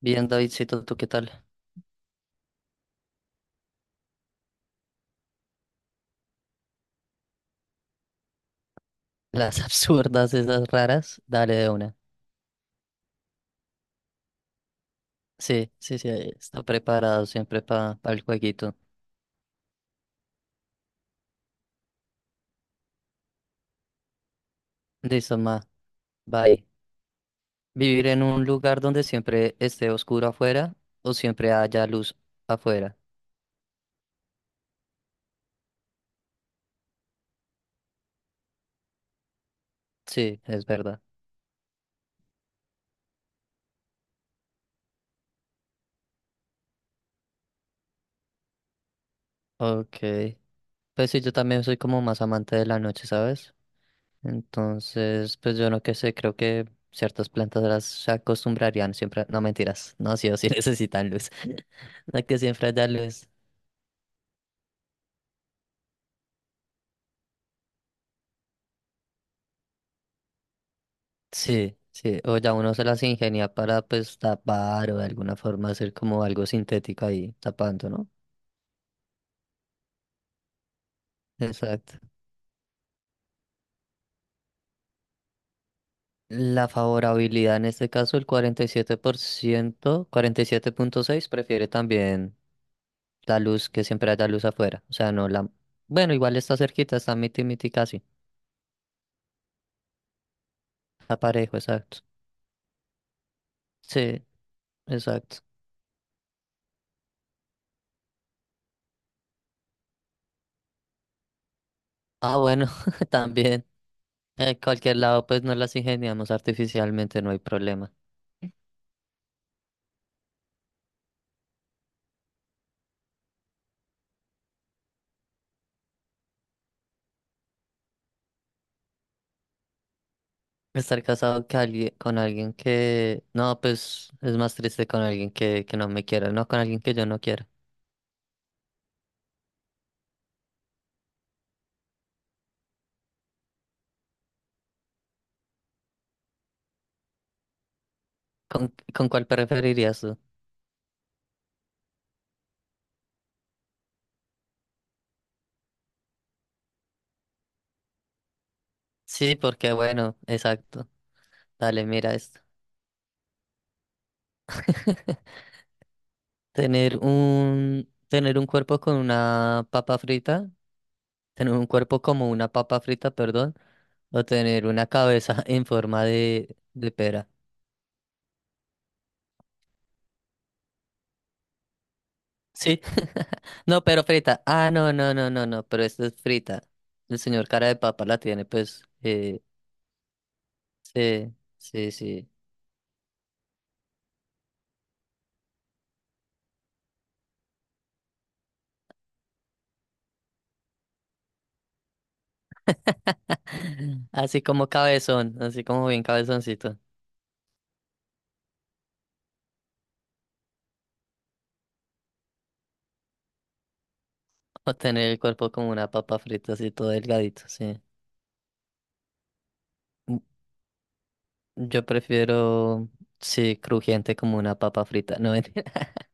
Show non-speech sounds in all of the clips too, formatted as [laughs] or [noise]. Bien, Davidcito, ¿tú qué tal? Las [laughs] absurdas, esas raras, dale de una. Sí, sí, sí, ahí está preparado siempre para el jueguito. Listo, ma, bye. ¿Vivir en un lugar donde siempre esté oscuro afuera o siempre haya luz afuera? Sí, es verdad. Ok. Pues sí, yo también soy como más amante de la noche, ¿sabes? Entonces, pues yo no qué sé, creo que ciertas plantas las se acostumbrarían siempre. No, mentiras, no, sí o sí [laughs] necesitan luz. [laughs] No que siempre haya luz. Sí, sí, o ya uno se las ingenia para pues tapar o de alguna forma hacer como algo sintético ahí tapando, ¿no? Exacto. La favorabilidad en este caso, el 47%, 47,6 prefiere también la luz, que siempre haya luz afuera. O sea, no la... Bueno, igual está cerquita, está miti miti casi. Está parejo, exacto. Sí, exacto. Ah, bueno, [laughs] también. En cualquier lado pues nos las ingeniamos artificialmente, no hay problema. Estar casado con alguien que... No, pues es más triste con alguien que no me quiera, no con alguien que yo no quiera. ¿Con cuál preferirías tú? Sí, porque bueno, exacto. Dale, mira esto. Tener un cuerpo con una papa frita, tener un cuerpo como una papa frita, perdón, o tener una cabeza [laughs] en forma de pera. Sí. [laughs] No, pero frita. Ah, no, no, no, no, no, pero esta es frita. El señor cara de papa la tiene, pues, Sí, sí, sí. [clears throat] [laughs] Así como cabezón, así como bien cabezoncito. O tener el cuerpo como una papa frita, así todo delgadito, sí. Mm, Yo prefiero, sí, crujiente como una papa frita, no mentira.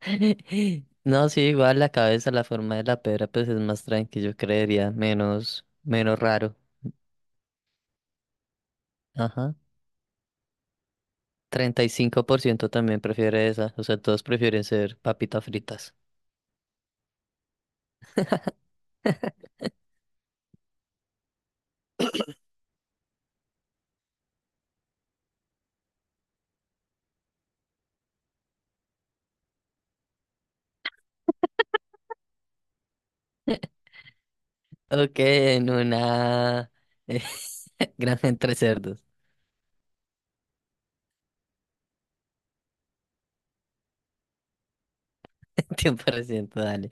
[laughs] No, sí, igual la cabeza, la forma de la pera, pues es más tranquilo, yo creería, menos, menos raro. Ajá. 35% también prefiere esa, o sea, todos prefieren ser papitas fritas. [laughs] Ok, en una eh, [laughs] granja entre cerdos. [laughs] Tiempo reciente, dale.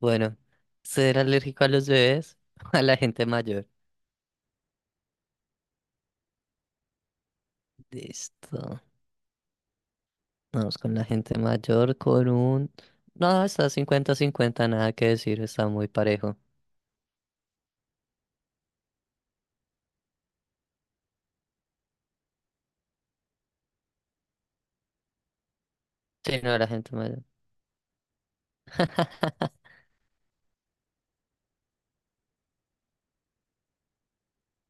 Bueno, ¿ser alérgico a los bebés [laughs] o a la gente mayor? Listo. Vamos con la gente mayor con un... No, está cincuenta-cincuenta nada que decir, está muy parejo. Sí, no, la gente mayor. [laughs]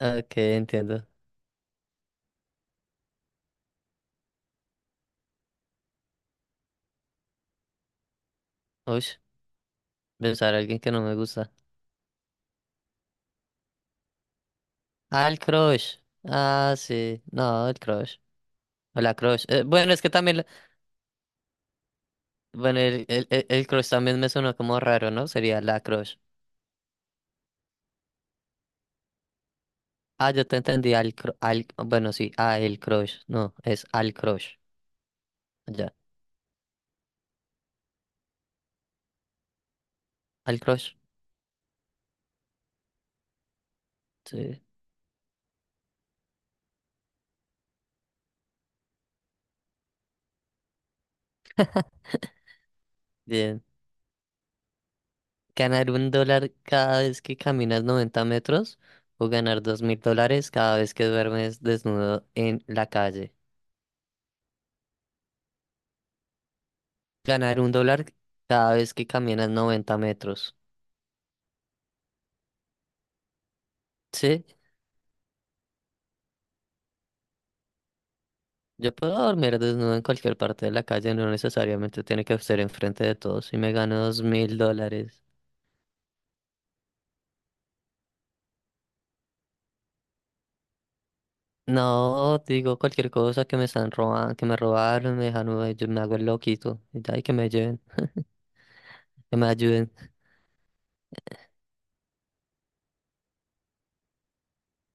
Ok, entiendo. Uy, pensar a alguien que no me gusta. Ah, el crush. Ah, sí. No, el crush. O la crush. Bueno, es que también... Bueno, el crush también me sonó como raro, ¿no? Sería la crush. Ah, yo te entendí al bueno, sí, a el crush. No, es al crush. Ya, al crush. Sí, bien. ¿Ganar 1 dólar cada vez que caminas 90 metros o ganar 2.000 dólares cada vez que duermes desnudo en la calle? Ganar un dólar cada vez que caminas 90 metros. Sí, yo puedo dormir desnudo en cualquier parte de la calle, no necesariamente tiene que ser enfrente de todos y me gano 2.000 dólares. No, digo cualquier cosa que me están robando, que me robaron, me dejaron, yo me hago el loquito. Y ya, y que me lleven, que me ayuden.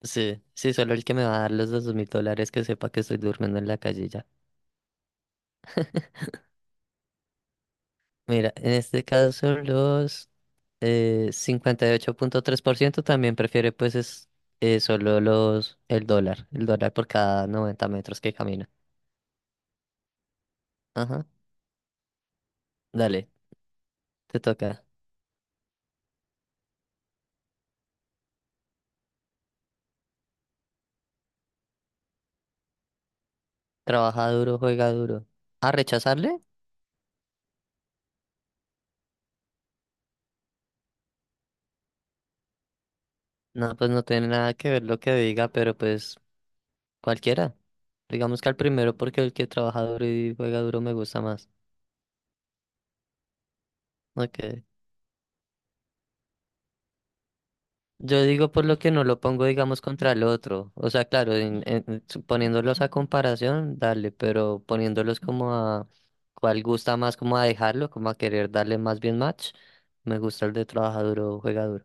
Sí, sí, solo el que me va a dar los 2.000 dólares que sepa que estoy durmiendo en la calle ya. Mira, en este caso los 58,3% también prefiere pues es solo los el dólar por cada 90 metros que camina. Ajá, dale, te toca. Trabaja duro, juega duro. ¿A rechazarle? No, pues no tiene nada que ver lo que diga, pero pues cualquiera. Digamos que al primero porque el que trabaja duro y juega duro me gusta más. Okay. Yo digo por lo que no lo pongo, digamos, contra el otro. O sea, claro, poniéndolos a comparación, dale, pero poniéndolos como a cuál gusta más, como a dejarlo, como a querer darle más bien match, me gusta el de trabaja duro, juega duro.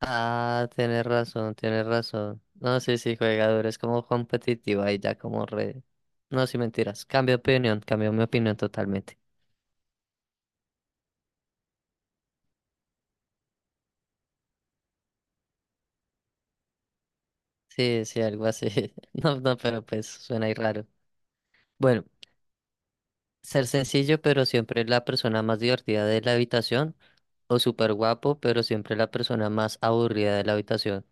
Ah, tienes razón, tienes razón. No, sí, sí, juega duro, es como competitivo ahí ya como re... No, sí, mentiras. Cambio de opinión, cambio mi opinión totalmente. Sí, sí, algo así. [laughs] No, no, pero pues suena ahí raro. Bueno, ser sencillo, pero siempre la persona más divertida de la habitación. O súper guapo, pero siempre la persona más aburrida de la habitación.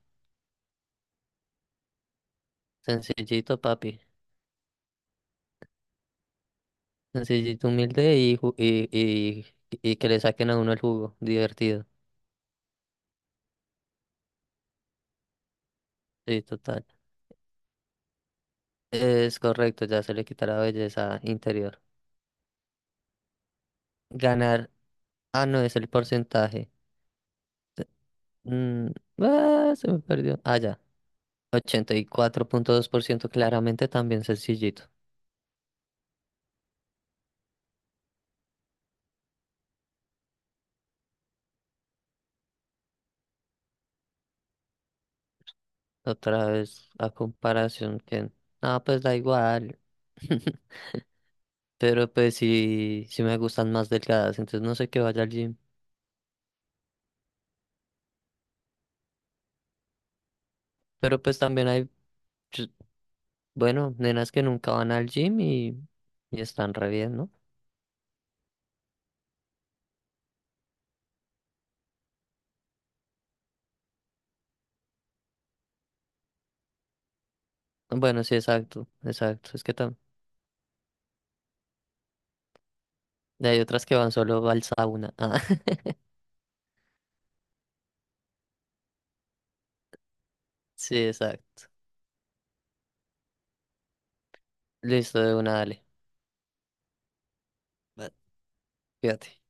Sencillito, papi. Sencillito, humilde y que le saquen a uno el jugo. Divertido. Sí, total. Es correcto, ya se le quita la belleza interior. Ganar. Ah, no, es el porcentaje. Mm, ah, se me perdió. Ah, ya. 84,2% claramente también sencillito. Otra vez a comparación que, ah, pues da igual. [laughs] Pero pues sí, sí me gustan más delgadas, entonces no sé qué vaya al gym. Pero pues también hay, ch- bueno, nenas que nunca van al gym y están re bien, ¿no? Bueno, sí, exacto, exacto. Es que también hay otras que van solo al sauna. Ah, [laughs] sí, exacto. Listo, de una, dale. Va, fíjate.